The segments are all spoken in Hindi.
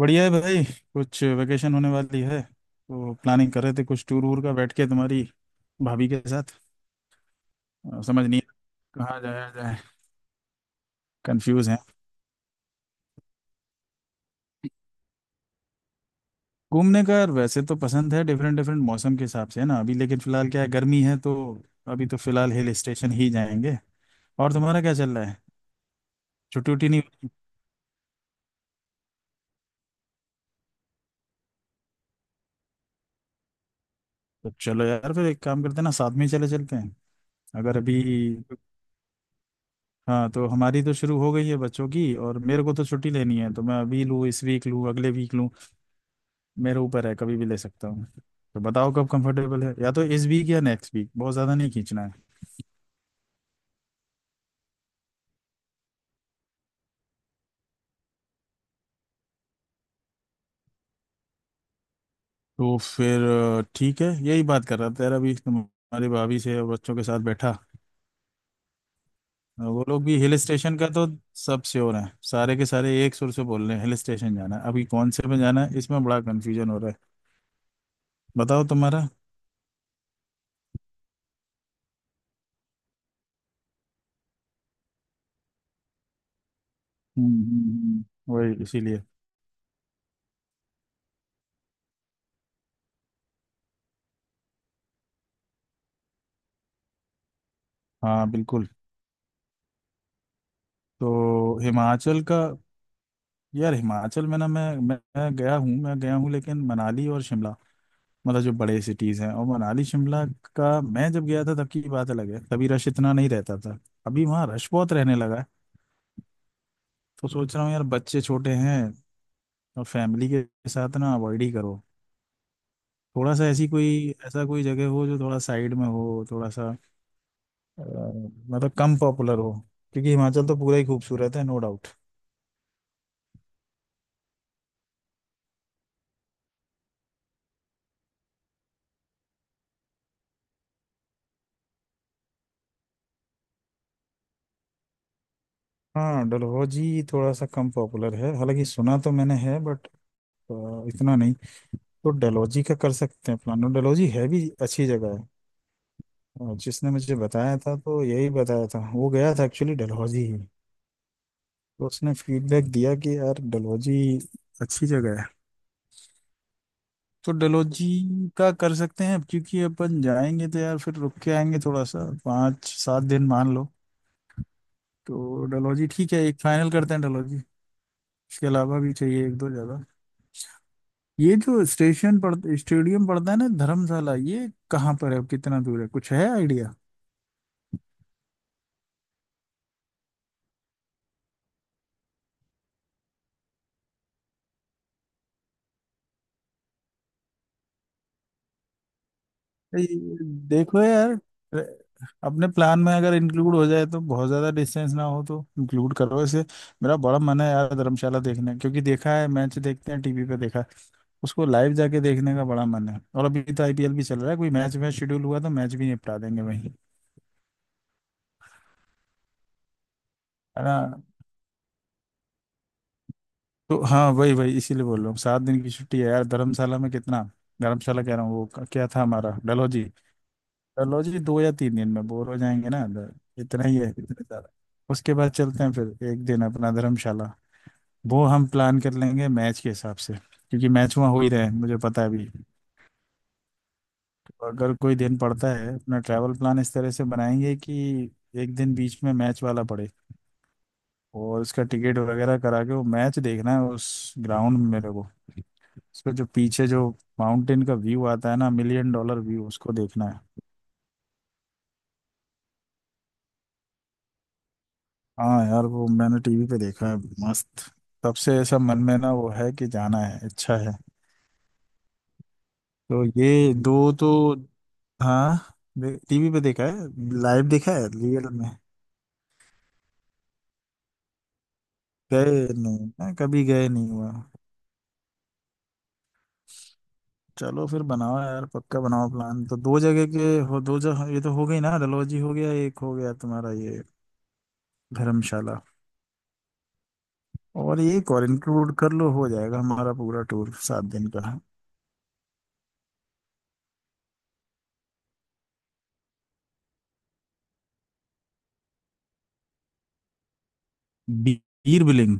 बढ़िया है भाई। कुछ वेकेशन होने वाली है तो प्लानिंग कर रहे थे, कुछ टूर वूर का, बैठ के तुम्हारी भाभी के साथ। समझ नहीं कहाँ जाया जाए। कंफ्यूज हैं। घूमने का वैसे तो पसंद है, डिफरेंट डिफरेंट मौसम के हिसाब से, है ना। अभी लेकिन फिलहाल क्या है, गर्मी है, तो अभी तो फिलहाल हिल स्टेशन ही जाएंगे। और तुम्हारा क्या चल रहा है? छुट्टी उट्टी नहीं हुई? तो चलो यार, फिर एक काम करते हैं ना, साथ में ही चले चलते हैं। अगर अभी, हाँ, तो हमारी तो शुरू हो गई है बच्चों की, और मेरे को तो छुट्टी लेनी है, तो मैं अभी लूँ, इस वीक लूँ, अगले वीक लूँ, मेरे ऊपर है, कभी भी ले सकता हूँ। तो बताओ कब कंफर्टेबल है, या तो इस वीक या नेक्स्ट वीक, बहुत ज़्यादा नहीं खींचना है। तो फिर ठीक है, यही बात कर रहा था यार अभी तुम्हारी भाभी से और बच्चों के साथ बैठा। वो लोग भी हिल स्टेशन का तो सब श्योर हैं, सारे के सारे एक सुर से बोल रहे हैं हिल स्टेशन जाना है। अभी कौन से में जाना है, इसमें बड़ा कन्फ्यूजन हो रहा है। बताओ तुम्हारा। हम्म, वही इसीलिए। हाँ बिल्कुल। तो हिमाचल का, यार हिमाचल में ना, मैं गया हूँ, मैं गया हूँ, लेकिन मनाली और शिमला, मतलब जो बड़े सिटीज हैं। और मनाली शिमला का मैं जब गया था, तब की बात अलग है, तभी रश इतना नहीं रहता था। अभी वहाँ रश बहुत रहने लगा है। तो सोच रहा हूँ यार, बच्चे छोटे हैं और फैमिली के साथ ना, अवॉइड ही करो। थोड़ा सा ऐसी कोई, ऐसा कोई जगह हो जो थोड़ा साइड में हो, थोड़ा सा अ, मतलब कम पॉपुलर हो। क्योंकि हिमाचल तो पूरा ही खूबसूरत है, नो डाउट। हाँ, डलहौजी थोड़ा सा कम पॉपुलर है, हालांकि सुना तो मैंने है, बट इतना नहीं। तो डलहौजी का कर सकते हैं प्लान, और डलहौजी है भी अच्छी जगह है। और जिसने मुझे बताया था, तो यही बताया था, वो गया था एक्चुअली डलहौजी ही। तो उसने फीडबैक दिया कि यार डलहौजी अच्छी जगह है। तो डलहौजी का कर सकते हैं, क्योंकि अपन जाएंगे तो यार फिर रुक के आएंगे थोड़ा सा, 5-7 दिन मान लो। तो डलहौजी ठीक है, एक फाइनल करते हैं डलहौजी। इसके अलावा भी चाहिए एक दो जगह। ये जो स्टेशन पड़ स्टेडियम पड़ता है ना धर्मशाला, ये कहाँ पर है, कितना दूर है, कुछ है आइडिया? ये- देखो यार, अपने प्लान में अगर इंक्लूड हो जाए, तो बहुत ज्यादा डिस्टेंस ना हो तो इंक्लूड करो इसे। मेरा बड़ा मन है यार धर्मशाला देखने, क्योंकि देखा है, मैच देखते हैं टीवी पे देखा, उसको लाइव जाके देखने का बड़ा मन है। और अभी तो आईपीएल भी चल रहा है, कोई मैच वैच शेड्यूल हुआ तो मैच भी निपटा देंगे वहीं। है ना। तो हाँ, वही वही इसीलिए बोल रहा हूँ, 7 दिन की छुट्टी है यार, धर्मशाला में कितना, धर्मशाला कह रहा हूँ, वो क्या था हमारा, डलहौजी। चलो जी, 2 या 3 दिन में बोर हो जाएंगे ना। इतना ही है, इतना ज्यादा। उसके बाद चलते हैं फिर एक दिन अपना धर्मशाला। वो हम प्लान कर लेंगे मैच के हिसाब से, क्योंकि मैच वहाँ हो ही रहे हैं मुझे पता है अभी। अगर कोई दिन पड़ता है, अपना ट्रैवल प्लान इस तरह से बनाएंगे कि एक दिन बीच में मैच वाला पड़े। और उसका टिकट वगैरह करा के वो मैच देखना है उस ग्राउंड में मेरे को। उसका जो पीछे जो माउंटेन का व्यू आता है ना, मिलियन डॉलर व्यू, उसको देखना है। हाँ यार, वो मैंने टीवी पे देखा है, मस्त। तब से ऐसा मन में ना वो है कि जाना है, अच्छा है। तो ये दो तो, हाँ, टीवी पे देखा है, लाइव देखा है, रियल में गए नहीं, मैं कभी गए नहीं हुआ। चलो फिर बनाओ यार, पक्का बनाओ प्लान, तो दो जगह के हो, दो जगह, ये तो हो गई ना, डलहौजी हो गया एक, हो गया तुम्हारा ये धर्मशाला, और ये और इंक्लूड कर लो, हो जाएगा हमारा पूरा टूर 7 दिन का। बी- बीर बिलिंग,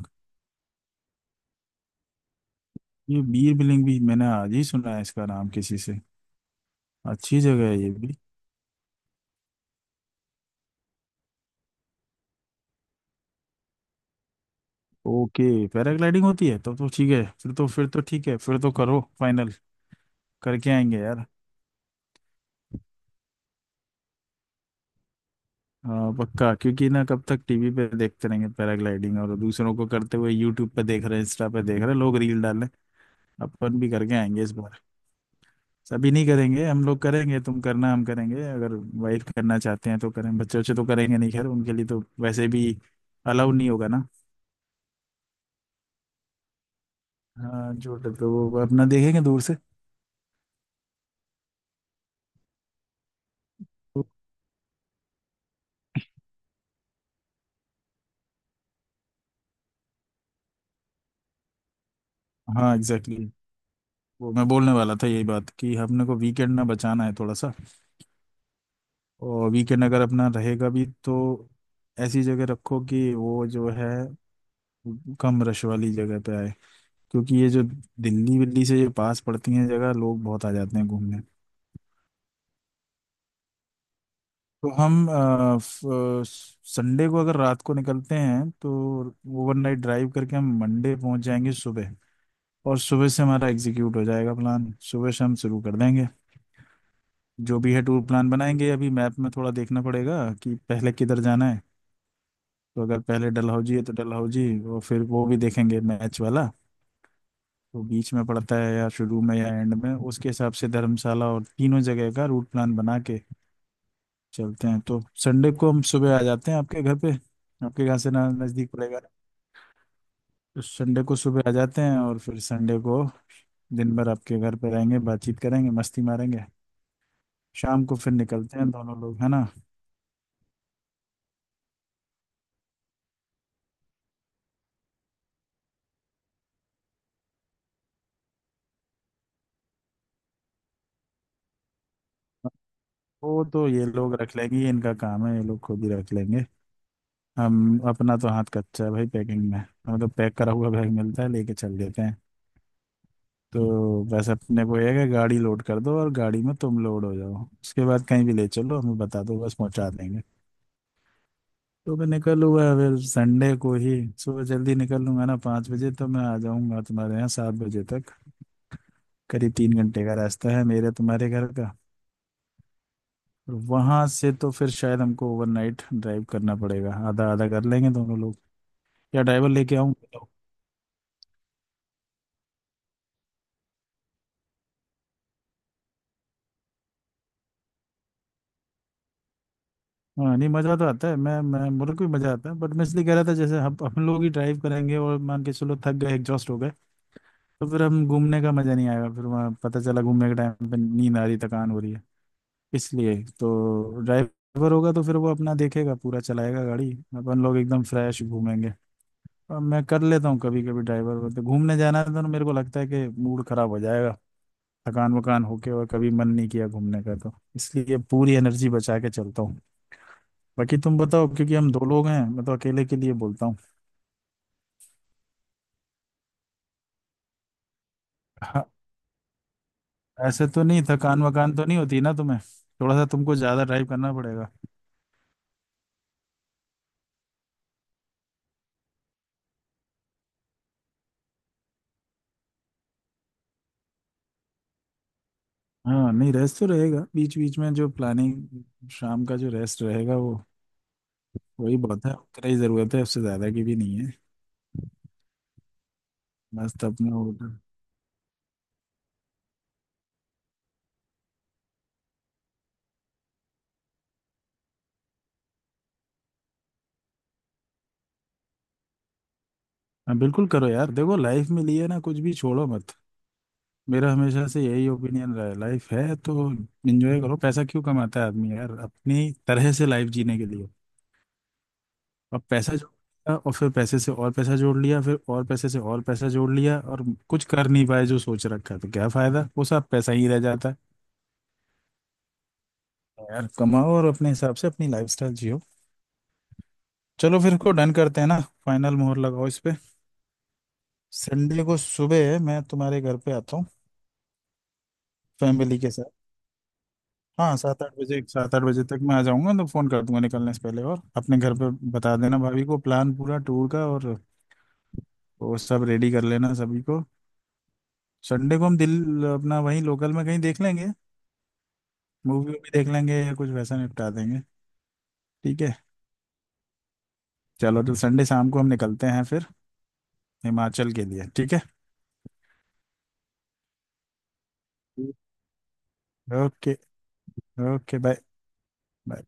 ये बीर बिलिंग भी मैंने आज ही सुना है इसका नाम किसी से। अच्छी जगह है ये भी। ओके, पैराग्लाइडिंग होती है तो ठीक है, फिर तो, फिर तो ठीक है, फिर तो करो फाइनल, करके आएंगे यार। हाँ पक्का। क्योंकि ना कब तक टीवी पे देखते रहेंगे पैराग्लाइडिंग, और दूसरों को करते हुए यूट्यूब पे देख रहे हैं, इंस्टा पे देख रहे हैं, लोग रील डाल रहे हैं, अपन भी करके आएंगे इस बार। सभी नहीं करेंगे, हम लोग करेंगे, तुम करना हम करेंगे, अगर वाइफ करना चाहते हैं तो करें, बच्चे, बच्चे तो करेंगे नहीं, खैर उनके लिए तो वैसे भी अलाउ नहीं होगा ना। हाँ जो, तो वो अपना देखेंगे दूर से। हाँ एग्जैक्टली, exactly। वो मैं बोलने वाला था, यही बात कि हमने को वीकेंड में बचाना है थोड़ा सा। और वीकेंड अगर अपना रहेगा भी, तो ऐसी जगह रखो कि वो जो है कम रश वाली जगह पे आए। क्योंकि ये जो दिल्ली विल्ली से ये पास पड़ती हैं जगह, लोग बहुत आ जाते हैं घूमने। तो हम संडे को अगर रात को निकलते हैं तो ओवरनाइट ड्राइव करके हम मंडे पहुंच जाएंगे सुबह। और सुबह से हमारा एग्जीक्यूट हो जाएगा प्लान, सुबह से हम शुरू कर देंगे जो भी है, टूर प्लान बनाएंगे। अभी मैप में थोड़ा देखना पड़ेगा कि पहले किधर जाना है। तो अगर पहले डलहौजी है तो डलहौजी, और फिर वो भी देखेंगे मैच वाला। तो बीच में पड़ता है या शुरू में या एंड में, उसके हिसाब से धर्मशाला और तीनों जगह का रूट प्लान बना के चलते हैं। तो संडे को हम सुबह आ जाते हैं आपके घर पे, आपके घर से ना नज़दीक पड़ेगा। तो संडे को सुबह आ जाते हैं और फिर संडे को दिन भर आपके घर पे रहेंगे, बातचीत करेंगे, मस्ती मारेंगे। शाम को फिर निकलते हैं दोनों लोग, है ना। वो तो ये लोग रख लेंगे, ये इनका काम है, ये लोग खुद ही रख लेंगे। हम अपना तो हाथ कच्चा है भाई पैकिंग में। मतलब पैक करा हुआ बैग मिलता है, लेके चल देते हैं। तो बस अपने को ये है कि गाड़ी लोड कर दो और गाड़ी में तुम लोड हो जाओ, उसके बाद कहीं भी ले चलो, हमें बता दो बस, पहुंचा देंगे। तो मैं निकल हुआ है, फिर संडे को ही सुबह जल्दी निकल लूंगा ना, 5 बजे तो मैं आ जाऊंगा तुम्हारे यहाँ 7 बजे तक। करीब 3 घंटे का रास्ता है मेरे तुम्हारे घर का। और वहां से तो फिर शायद हमको ओवरनाइट ड्राइव करना पड़ेगा, आधा आधा कर लेंगे दोनों लोग, या ड्राइवर लेके आऊँ, बताओ। हाँ नहीं, मज़ा तो आता है, मैं मेरे को भी मज़ा आता है, बट मैं इसलिए कह रहा था, जैसे हम लोग ही ड्राइव करेंगे और मान के चलो थक गए, एग्जॉस्ट हो गए, तो फिर हम घूमने का मज़ा नहीं आएगा, फिर वहाँ पता चला घूमने के टाइम पे नींद आ रही, थकान हो रही है इसलिए। तो ड्राइवर होगा तो फिर वो अपना देखेगा, पूरा चलाएगा गाड़ी, अपन लोग एकदम फ्रेश घूमेंगे। और मैं कर लेता हूँ कभी कभी ड्राइवर, तो घूमने जाना है तो मेरे को लगता है कि मूड खराब हो जाएगा थकान वकान होके, और कभी मन नहीं किया घूमने का, तो इसलिए पूरी एनर्जी बचा के चलता हूँ। बाकी तुम बताओ, क्योंकि हम दो लोग हैं, मैं तो अकेले के लिए बोलता हूँ। हाँ, ऐसे तो नहीं, थकान वकान तो नहीं होती ना तुम्हें, थोड़ा सा तुमको ज्यादा ड्राइव करना पड़ेगा। हाँ नहीं, रेस्ट तो रहेगा बीच बीच में, जो प्लानिंग शाम का जो रेस्ट रहेगा, वो वही बहुत है, उतना ही जरूरत है, उससे ज्यादा की भी नहीं है। मस्त अपना होटल। हाँ बिल्कुल करो यार, देखो लाइफ में लिए ना कुछ भी छोड़ो मत। मेरा हमेशा से यही ओपिनियन रहा है, लाइफ है तो एंजॉय करो। पैसा क्यों कमाता है आदमी यार, अपनी तरह से लाइफ जीने के लिए। अब पैसा जोड़ लिया, और फिर पैसे से और पैसा जोड़ लिया, फिर और पैसे से और पैसा जोड़ लिया, और कुछ कर नहीं पाए जो सोच रखा है, तो क्या फायदा, वो सब पैसा ही रह जाता है यार। कमाओ और अपने हिसाब से अपनी लाइफस्टाइल जियो। चलो फिर इसको डन करते हैं ना, फाइनल मोहर लगाओ इस पे। संडे को सुबह मैं तुम्हारे घर पे आता हूँ, फैमिली के साथ। हाँ 7-8 बजे, 7-8 बजे तक मैं आ जाऊंगा, तो फोन कर दूंगा निकलने से पहले। और अपने घर पे बता देना भाभी को प्लान पूरा टूर का, और वो सब रेडी कर लेना सभी को। संडे को हम दिल अपना वहीं लोकल में कहीं देख लेंगे, मूवी भी देख लेंगे या कुछ वैसा निपटा देंगे। ठीक है। चलो, तो संडे शाम को हम निकलते हैं फिर, हिमाचल के लिए। ठीक है। ओके। Okay bye. बाय।